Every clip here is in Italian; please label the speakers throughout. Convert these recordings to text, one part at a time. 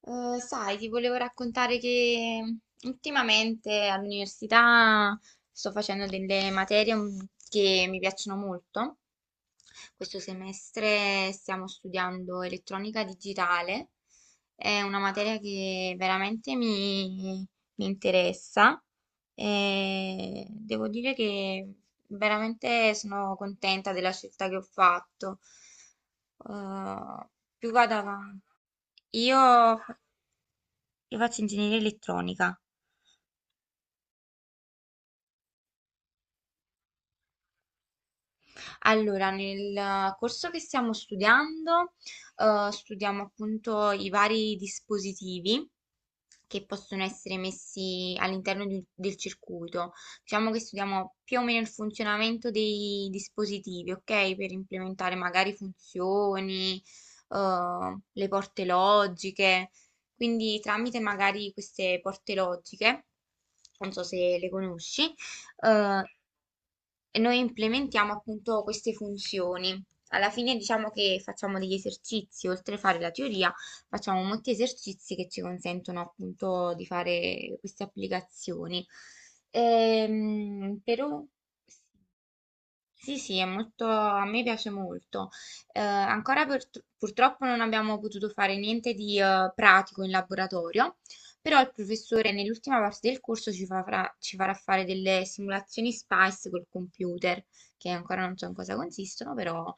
Speaker 1: Sai, ti volevo raccontare che ultimamente all'università sto facendo delle materie che mi piacciono molto. Questo semestre stiamo studiando elettronica digitale, è una materia che veramente mi interessa e devo dire che veramente sono contenta della scelta che ho fatto. Eh, Più vado avanti. Io io faccio ingegneria elettronica. Allora, nel corso che stiamo studiando, studiamo appunto i vari dispositivi che possono essere messi all'interno del circuito. Diciamo che studiamo più o meno il funzionamento dei dispositivi, ok? Per implementare magari funzioni, le porte logiche. Quindi tramite magari queste porte logiche, non so se le conosci, eh, e noi implementiamo appunto queste funzioni. Alla fine diciamo che facciamo degli esercizi, oltre a fare la teoria, facciamo molti esercizi che ci consentono appunto di fare queste applicazioni. Però sì. Sì, sì, è molto, a me piace molto. Ancora purtroppo non abbiamo potuto fare niente di pratico in laboratorio, però il professore nell'ultima parte del corso ci farà fare delle simulazioni SPICE col computer, che ancora non so in cosa consistono, però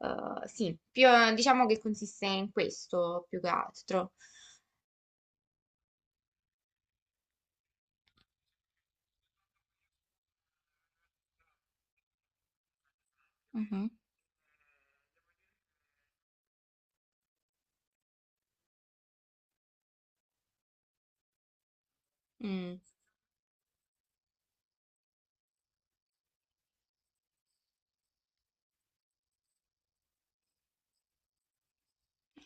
Speaker 1: sì, diciamo che consiste in questo più che altro. Mhm. Mm.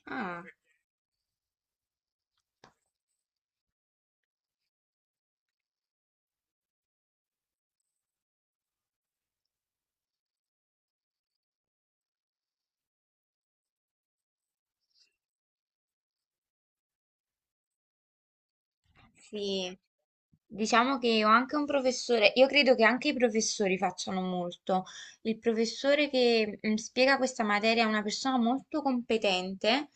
Speaker 1: Ah. Sì, diciamo che ho anche un professore, io credo che anche i professori facciano molto. Il professore che spiega questa materia è una persona molto competente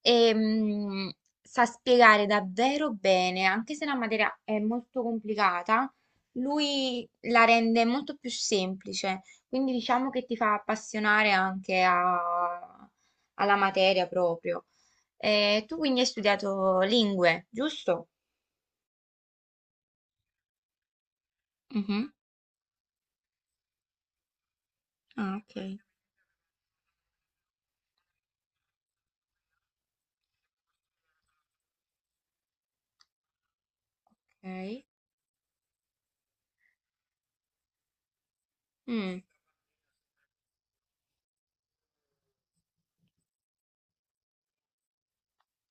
Speaker 1: e sa spiegare davvero bene, anche se la materia è molto complicata, lui la rende molto più semplice, quindi diciamo che ti fa appassionare anche alla materia proprio. Tu quindi hai studiato lingue, giusto? Mhm. Ah, ok. Ok. Mm,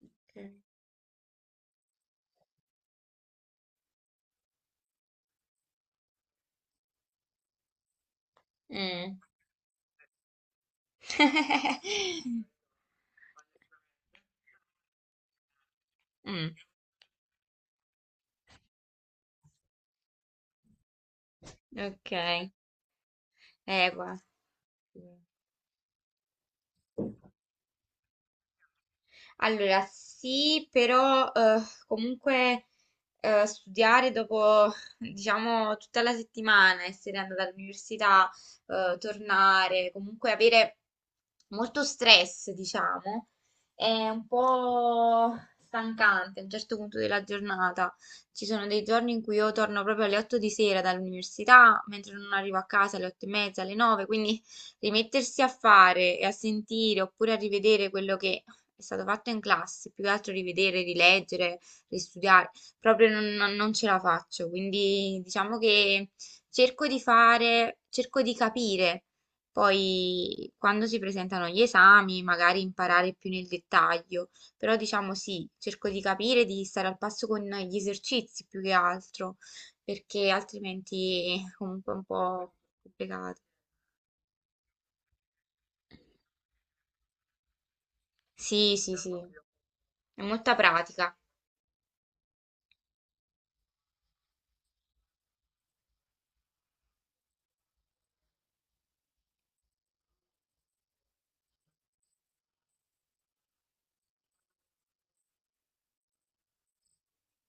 Speaker 1: ok. Mm. Mm, ok. Equa. Allora, sì, però comunque studiare dopo, diciamo, tutta la settimana, essere andata all'università, tornare, comunque avere molto stress, diciamo, è un po' stancante a un certo punto della giornata. Ci sono dei giorni in cui io torno proprio alle 8 di sera dall'università, mentre non arrivo a casa alle 8 e mezza, alle 9, quindi rimettersi a fare e a sentire oppure a rivedere quello che è stato fatto in classe, più che altro rivedere, rileggere, ristudiare, proprio non ce la faccio, quindi diciamo che cerco di capire, poi quando si presentano gli esami magari imparare più nel dettaglio, però diciamo sì, cerco di capire, di stare al passo con gli esercizi più che altro, perché altrimenti è comunque un po' complicato. Sì, sì, sì, è molta pratica.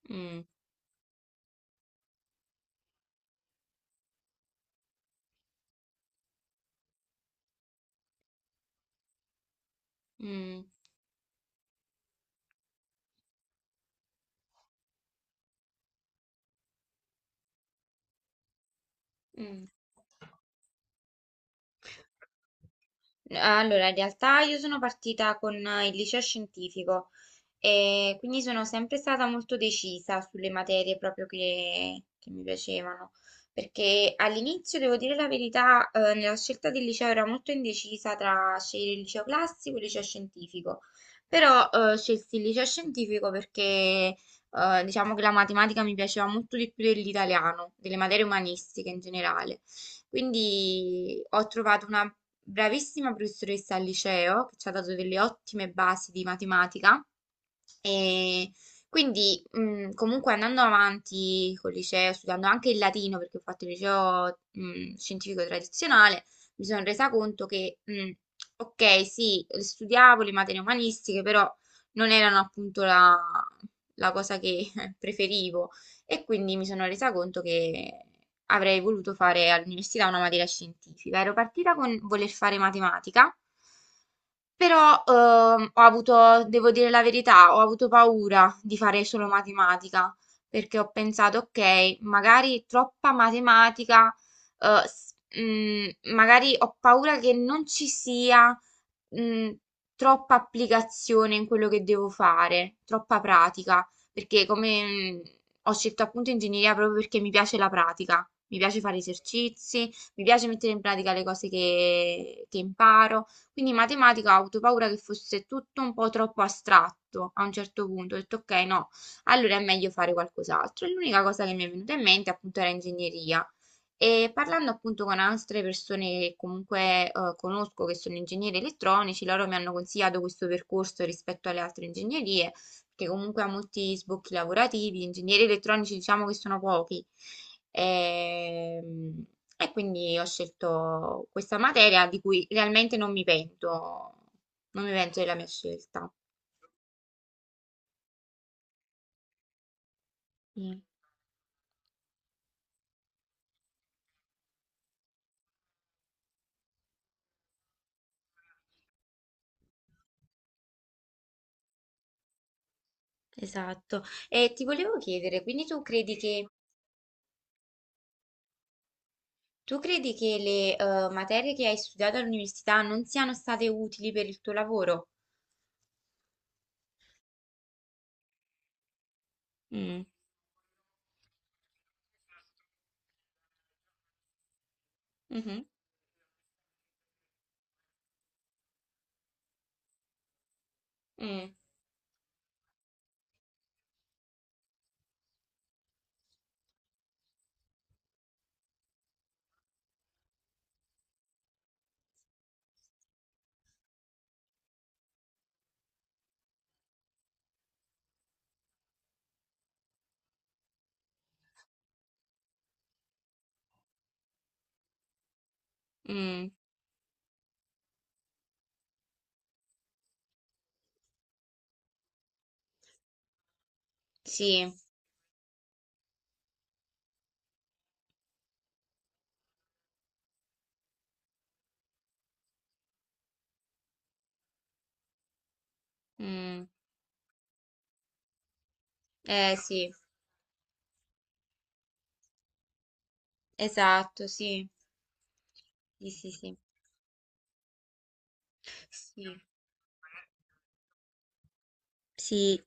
Speaker 1: Mm, mm, mm. Allora, in realtà io sono partita con il liceo scientifico, e quindi sono sempre stata molto decisa sulle materie proprio che mi piacevano, perché all'inizio, devo dire la verità, nella scelta del liceo ero molto indecisa tra scegliere il liceo classico e il liceo scientifico, però scelsi il liceo scientifico perché diciamo che la matematica mi piaceva molto di più dell'italiano, delle materie umanistiche in generale. Quindi ho trovato una bravissima professoressa al liceo che ci ha dato delle ottime basi di matematica e quindi, comunque andando avanti col liceo, studiando anche il latino, perché ho fatto il liceo, scientifico tradizionale, mi sono resa conto che, ok, sì, studiavo le materie umanistiche, però non erano appunto la cosa che preferivo. E quindi mi sono resa conto che avrei voluto fare all'università una materia scientifica. Ero partita con voler fare matematica. Però ho avuto, devo dire la verità, ho avuto paura di fare solo matematica, perché ho pensato, ok, magari troppa matematica, eh, s- mm, magari ho paura che non ci sia mm, troppa applicazione in quello che devo fare, troppa pratica, perché come mm, ho scelto appunto ingegneria proprio perché mi piace la pratica, mi piace fare esercizi, mi piace mettere in pratica le cose che imparo. Quindi in matematica ho avuto paura che fosse tutto un po' troppo astratto a un certo punto. Ho detto ok, no, allora è meglio fare qualcos'altro. E l'unica cosa che mi è venuta in mente appunto era ingegneria. E parlando appunto con altre persone che comunque conosco che sono ingegneri elettronici, loro mi hanno consigliato questo percorso rispetto alle altre ingegnerie che comunque ha molti sbocchi lavorativi, ingegneri elettronici diciamo che sono pochi. Ehm, e quindi ho scelto questa materia di cui realmente non mi pento della mia scelta. Sì, esatto. E ti volevo chiedere, quindi tu credi che le materie che hai studiato all'università non siano state utili per il tuo lavoro? Mm, mhm, mm, mm, sì, mm, eh sì. Esatto, sì. Sì, sì, sì. Sì, sì,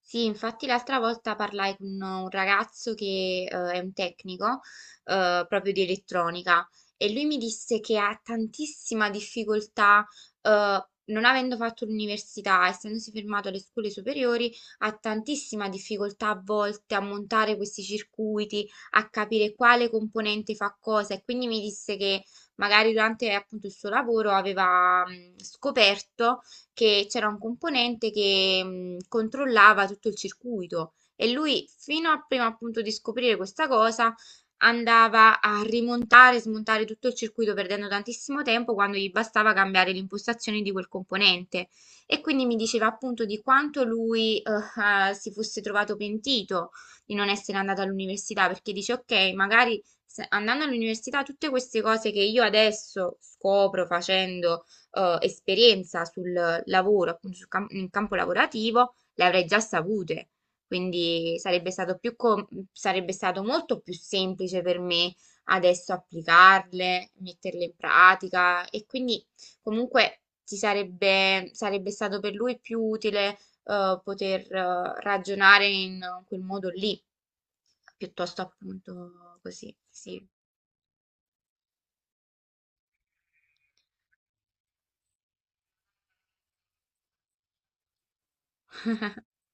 Speaker 1: sì, infatti l'altra volta parlai con un ragazzo che è un tecnico proprio di elettronica e lui mi disse che ha tantissima difficoltà, eh, non avendo fatto l'università, essendosi fermato alle scuole superiori, ha tantissima difficoltà a volte a montare questi circuiti, a capire quale componente fa cosa e quindi mi disse che magari durante appunto il suo lavoro aveva scoperto che c'era un componente che controllava tutto il circuito e lui, fino a prima appunto di scoprire questa cosa, andava a rimontare e smontare tutto il circuito perdendo tantissimo tempo quando gli bastava cambiare l'impostazione di quel componente. E quindi mi diceva appunto di quanto lui si fosse trovato pentito di non essere andato all'università, perché dice, ok, magari andando all'università tutte queste cose che io adesso scopro facendo esperienza sul lavoro, appunto sul in campo lavorativo, le avrei già sapute. Quindi sarebbe stato più sarebbe stato molto più semplice per me adesso applicarle, metterle in pratica e quindi comunque sarebbe stato per lui più utile poter ragionare in quel modo lì, piuttosto appunto così, sì.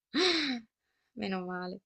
Speaker 1: Meno male.